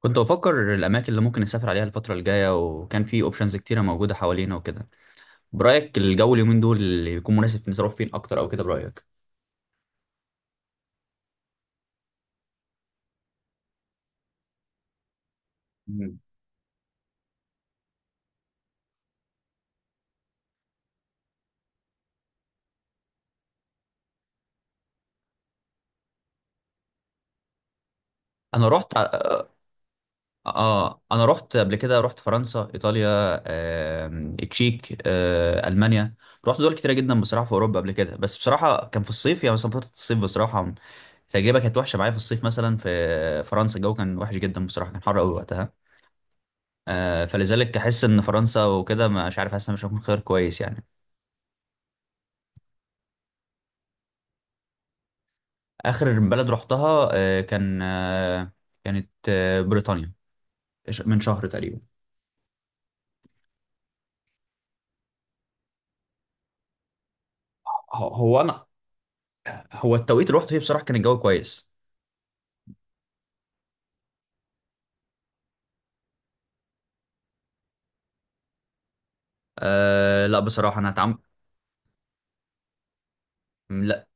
كنت بفكر الاماكن اللي ممكن نسافر عليها الفتره الجايه، وكان في اوبشنز كتيره موجوده حوالينا وكده. برايك الجو اليومين دول اللي يكون مناسب نروح فين اكتر، او كده برايك؟ مم. انا رحت انا رحت قبل كده، رحت فرنسا، ايطاليا، التشيك، المانيا. رحت دول كتيره جدا بصراحه في اوروبا قبل كده، بس بصراحه كان في الصيف، يعني مثلا فتره الصيف بصراحه التجربه كانت وحشه معايا في الصيف، مثلا في فرنسا الجو كان وحش جدا بصراحه، كان حر قوي وقتها. فلذلك احس ان فرنسا وكده، مش عارف، حاسس إن مش هكون خيار كويس يعني. اخر بلد رحتها كانت بريطانيا، من شهر تقريبا. هو انا، هو التوقيت اللي رحت فيه بصراحه كان الجو كويس. أه لا، بصراحه انا هتعم. لا.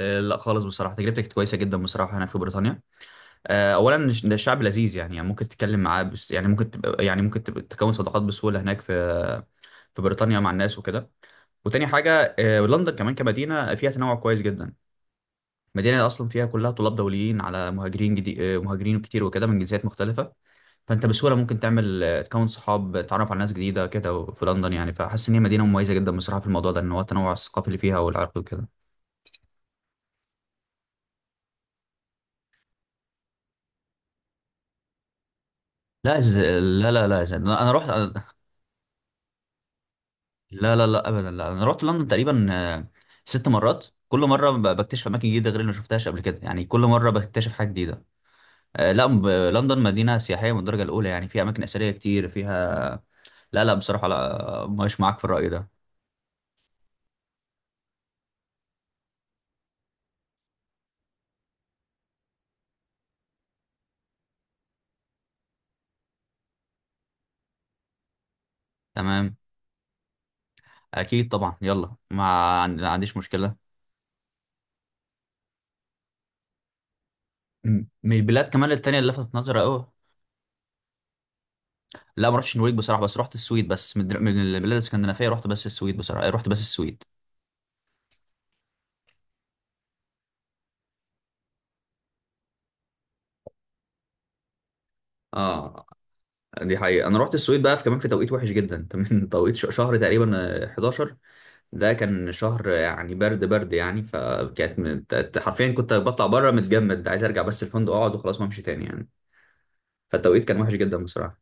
لا خالص، بصراحه تجربتي كانت كويسه جدا بصراحه هنا في بريطانيا. أه اولا، ده الشعب لذيذ يعني، يعني ممكن تتكلم معاه، بس يعني ممكن تبقى، يعني ممكن تبقى تكون صداقات بسهوله هناك في بريطانيا مع الناس وكده. وتاني حاجه أه، لندن كمان كمدينه فيها تنوع كويس جدا. مدينة أصلا فيها كلها طلاب دوليين، على مهاجرين جديد، مهاجرين كتير وكده من جنسيات مختلفة. فأنت بسهولة ممكن تعمل تكون صحاب، تتعرف على ناس جديدة كده في لندن يعني. فحاسس إن هي مدينة مميزة جدا بصراحة في الموضوع ده، إن هو التنوع الثقافي اللي فيها والعرقي وكده. لا لا لا لا أنا رحت. لا لا لا أبدا، لا، أنا رحت لندن تقريبا ست مرات. كل مرة بكتشف أماكن جديدة غير اللي ما شفتهاش قبل كده يعني، كل مرة بكتشف حاجة جديدة. لا، لندن مدينة سياحية من الدرجة الأولى يعني، فيها أماكن أثرية كتير فيها. لا لا بصراحة لا، مش معاك في الرأي ده. تمام، اكيد طبعا، يلا، ما عنديش مشكله. من البلاد كمان التانية اللي لفتت نظري قوي، لا ما رحتش النرويج بصراحه. بس رحت السويد بس، من البلاد الاسكندنافيه رحت بس السويد، بصراحه رحت بس السويد. اه، دي حقيقة، أنا رحت السويد بقى في كمان في توقيت وحش جدا من توقيت شهر تقريبا، 11. ده كان شهر يعني برد برد يعني، فكانت حرفيا كنت بطلع بره متجمد، عايز أرجع بس الفندق أقعد وخلاص ما أمشي تاني يعني. فالتوقيت كان وحش جدا بصراحة.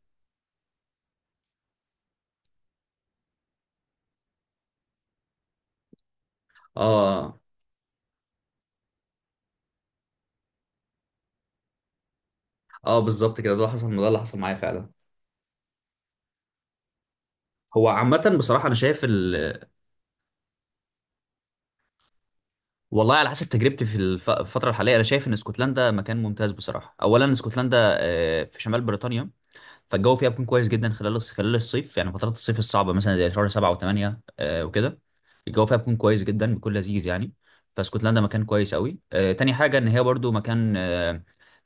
اه. اه بالظبط كده، ده اللي حصل، ده اللي حصل معايا فعلا. هو عامة بصراحة أنا شايف. والله على حسب تجربتي في الفترة الحالية أنا شايف إن اسكتلندا مكان ممتاز بصراحة. أولا اسكتلندا في شمال بريطانيا، فالجو فيها بيكون كويس جدا خلال خلال الصيف، يعني فترات الصيف الصعبه مثلا زي شهر سبعة وثمانية آه وكده الجو فيها بيكون كويس جدا، بيكون لذيذ يعني. فاسكتلندا مكان كويس قوي. آه تاني حاجه، ان هي برضو مكان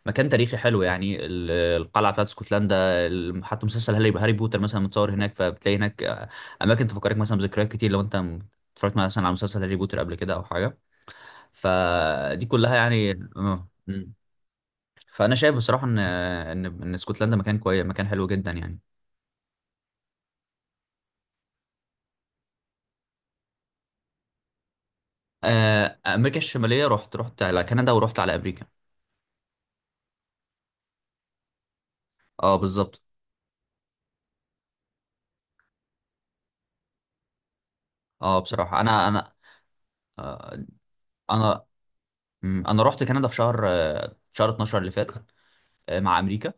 مكان تاريخي حلو يعني، القلعه بتاعت اسكتلندا. حتى مسلسل هاري بوتر مثلا متصور هناك، فبتلاقي هناك اماكن تفكرك مثلا بذكريات كتير لو انت اتفرجت مثلا على مسلسل هاري بوتر قبل كده او حاجه، فدي كلها يعني. م. فانا شايف بصراحه ان ان اسكتلندا مكان كويس، مكان حلو جدا يعني. امريكا الشماليه، رحت على كندا ورحت على امريكا. اه بالظبط. اه بصراحه انا انا آه، انا، مم، انا رحت كندا في شهر شهر 12 اللي فات، مع امريكا.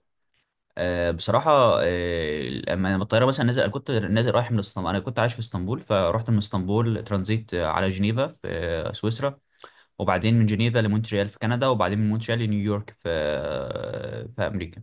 بصراحه، لما لما الطياره مثلا نزل، انا كنت نازل رايح من اسطنبول، انا كنت عايش في اسطنبول، فرحت من اسطنبول ترانزيت على جنيفا في سويسرا، وبعدين من جنيفا لمونتريال في كندا، وبعدين من مونتريال لنيويورك في في امريكا.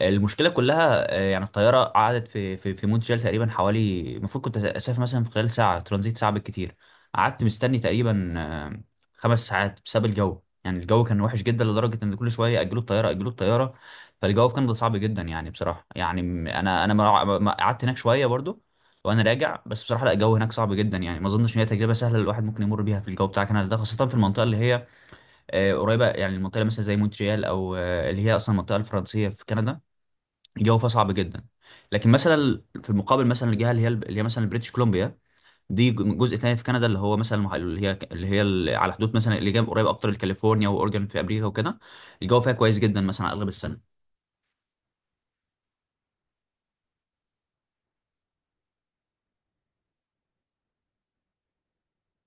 المشكله كلها يعني الطياره قعدت في مونتريال تقريبا حوالي، المفروض كنت اسافر مثلا في خلال ساعه ترانزيت، ساعه بالكتير. قعدت مستني تقريبا خمس ساعات بسبب الجو. يعني الجو كان وحش جدا لدرجه ان كل شويه اجلوا الطياره، اجلوا الطياره. فالجو كان صعب جدا يعني بصراحه يعني، قعدت هناك شويه برضو وانا راجع. بس بصراحه لا، الجو هناك صعب جدا يعني، ما اظنش ان هي تجربه سهله الواحد ممكن يمر بيها في الجو بتاع كندا ده، خاصه في المنطقه اللي هي قريبه يعني، المنطقه مثلا زي مونتريال او اللي هي اصلا المنطقه الفرنسيه في كندا، الجو فيها صعب جدا. لكن مثلا في المقابل مثلا، الجهه اللي هي مثلا بريتش كولومبيا، دي جزء تاني في كندا اللي هو مثلا، اللي هي اللي على حدود مثلا، اللي جنب قريب اكتر لكاليفورنيا واورجن في امريكا وكده، الجو فيها كويس جدا مثلا على اغلب السنه.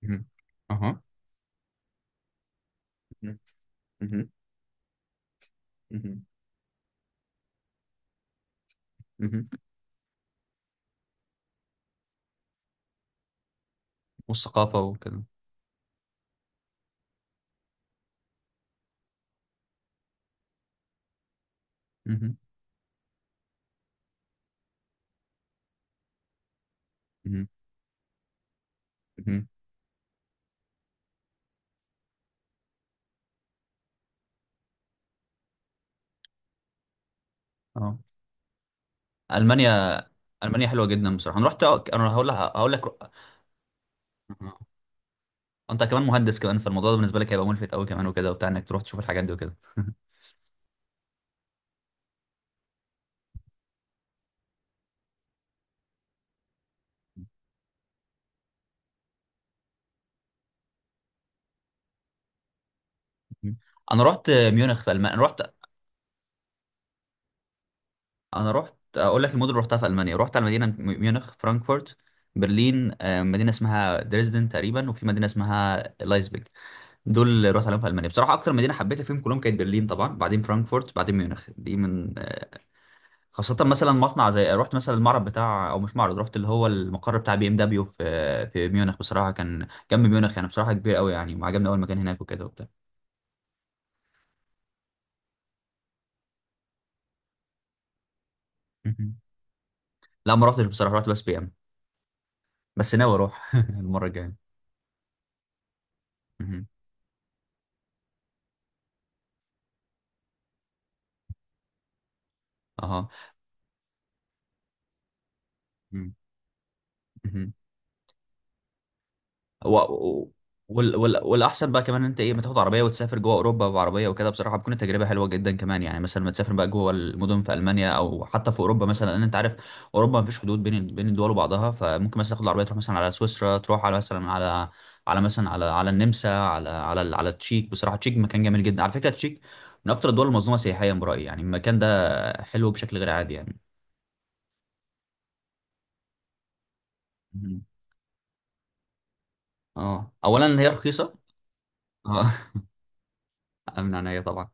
مهم. اها. مهم. مهم. مهم. مهم. والثقافه وكده. مهم. مهم. مهم. اه المانيا، المانيا حلوه جدا بصراحه، انا رحت انا هقول لك، هقول لك. أها. انت كمان مهندس كمان، فالموضوع ده بالنسبه لك هيبقى ملفت قوي كمان وكده وبتاع، انك تروح تشوف الحاجات دي وكده. انا رحت ميونخ في المانيا. انا رحت اقول لك المدن اللي رحتها في المانيا، رحت على مدينه ميونخ، فرانكفورت، برلين، مدينه اسمها دريسدن تقريبا، وفي مدينه اسمها لايبزيج. دول اللي رحت عليهم في المانيا. بصراحه اكتر مدينه حبيتها فيهم كلهم كانت برلين طبعا، بعدين فرانكفورت، بعدين ميونخ. دي من خاصه مثلا مصنع زي، رحت مثلا المعرض بتاع، او مش معرض، رحت اللي هو المقر بتاع بي ام دبليو في ميونخ، بصراحه كان جنب ميونخ يعني. بصراحه كبير قوي يعني، وعجبني اول مكان هناك وكده وبتاع. مهم. لا ما رحتش بصراحه، رحت بس بي ام. بس ناوي اروح المره الجايه. مهم. اها. مم. مهم. و... و... والاحسن بقى كمان، إن انت ايه ما تاخد عربيه وتسافر جوه اوروبا بعربيه وكده، بصراحه بتكون التجربه حلوه جدا كمان، يعني مثلا ما تسافر بقى جوه المدن في المانيا او حتى في اوروبا مثلا، لان انت عارف اوروبا ما فيش حدود بين الدول وبعضها. فممكن مثلا تاخد العربيه تروح مثلا على سويسرا، تروح على مثلا على، على مثلا على على النمسا، على على على التشيك. بصراحه التشيك مكان جميل جدا على فكره، التشيك من اكتر الدول المظلومه سياحيا برايي، يعني المكان ده حلو بشكل غير عادي يعني. مهم. اه، اولا هي رخيصه. من عينيا طبعا.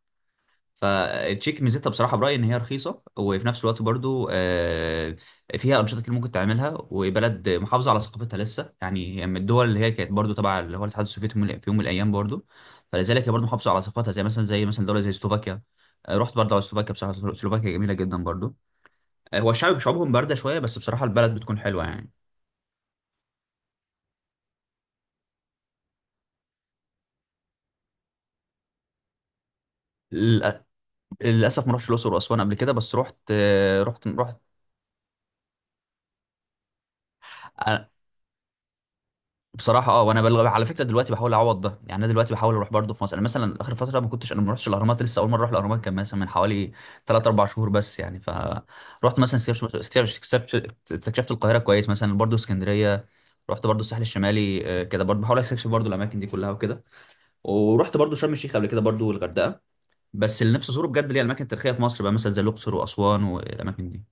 فالتشيك ميزتها بصراحه برايي ان هي رخيصه، وفي نفس الوقت برضو فيها انشطه كتير ممكن تعملها، وبلد محافظه على ثقافتها لسه يعني، هي من الدول اللي هي كانت برضو تبع اللي هو الاتحاد السوفيتي في يوم من الايام برضو، فلذلك هي برضو محافظه على ثقافتها، زي مثلا زي مثلا دوله زي سلوفاكيا. رحت برضو على سلوفاكيا، بصراحه سلوفاكيا جميله جدا برضو. هو الشعب، شعوبهم بارده شويه، بس بصراحه البلد بتكون حلوه يعني. للأ- للاسف ما رحتش الاقصر واسوان قبل كده، بس رحت آه، رحت رحت بصراحه. اه، وانا على فكره دلوقتي بحاول اعوض ده يعني، انا دلوقتي بحاول اروح برضه في مصر. انا مثلا اخر فتره ما كنتش، انا ما رحتش الاهرامات لسه، اول مره اروح الاهرامات كان مثلا من حوالي 3 4 شهور بس يعني ف، رحت مثلا استكشفت القاهره كويس، مثلا برضه اسكندريه، رحت برضه الساحل الشمالي كده، برضه بحاول استكشف برضه الاماكن دي كلها وكده. ورحت برضه شرم الشيخ قبل كده برضه، والغردقه. بس اللي نفسي ازوره بجد اللي هي الاماكن التاريخيه في مصر بقى، مثلا زي الاقصر واسوان والاماكن دي.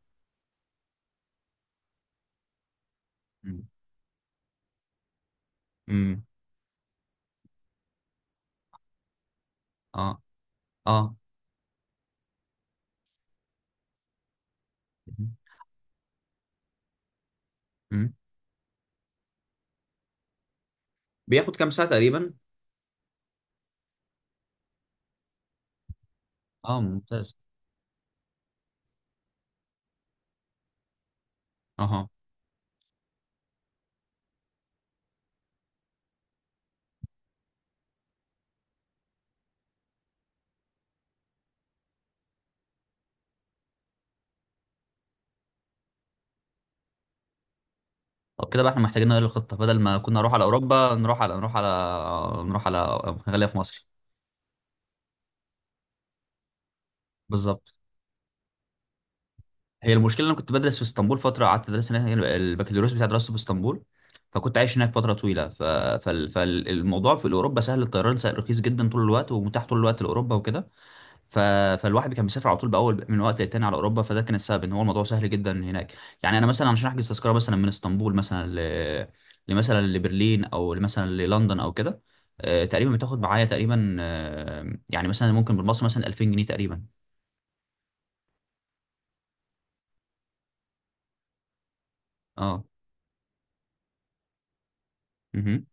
امم. أمم. اه. اه. أمم. بياخد كام ساعه تقريبا؟ اه ممتاز. اها. طب كده بقى احنا محتاجين نغير الخطة، بدل ما كنا نروح على أوروبا، نروح على نروح على نروح على خلينا في مصر. بالظبط. هي المشكلة إن أنا كنت بدرس في اسطنبول فترة، قعدت أدرس هناك يعني، البكالوريوس بتاعي درسته في اسطنبول، فكنت عايش هناك فترة طويلة. فالموضوع في أوروبا سهل، الطيران سهل رخيص جدا طول الوقت ومتاح طول الوقت لأوروبا وكده ف... فالواحد كان بيسافر على طول باول من وقت للتاني على اوروبا، فده كان السبب ان هو الموضوع سهل جدا هناك. يعني انا مثلا عشان احجز تذكره مثلا من اسطنبول. لمثلا لبرلين او مثلا للندن او كده، تقريبا بتاخد معايا تقريبا، يعني مثلا ممكن بالمصري مثلا 2000 جنيه تقريبا. اه مهم.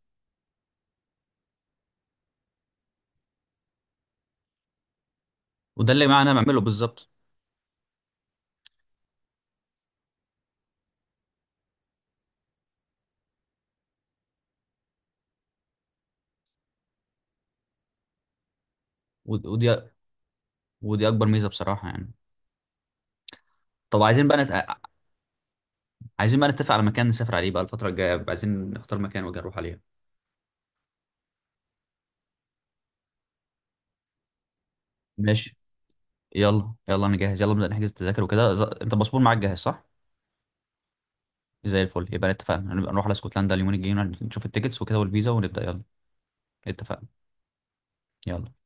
وده اللي معانا بعمله بالظبط. ود- ودي ودي اكبر ميزه بصراحه يعني. طب عايزين بقى نت... عايزين بقى نتفق على مكان نسافر عليه بقى الفتره الجايه، عايزين نختار مكان وجاي نروح عليه. ماشي. يلا يلا انا جاهز، يلا نبدا نحجز التذاكر وكده. انت الباسبور معاك جاهز صح؟ زي الفل، يبقى اتفقنا هنبقى نروح على اسكتلندا اليومين الجايين، نشوف التيكتس وكده والفيزا ونبدا يلا. اتفقنا. يلا.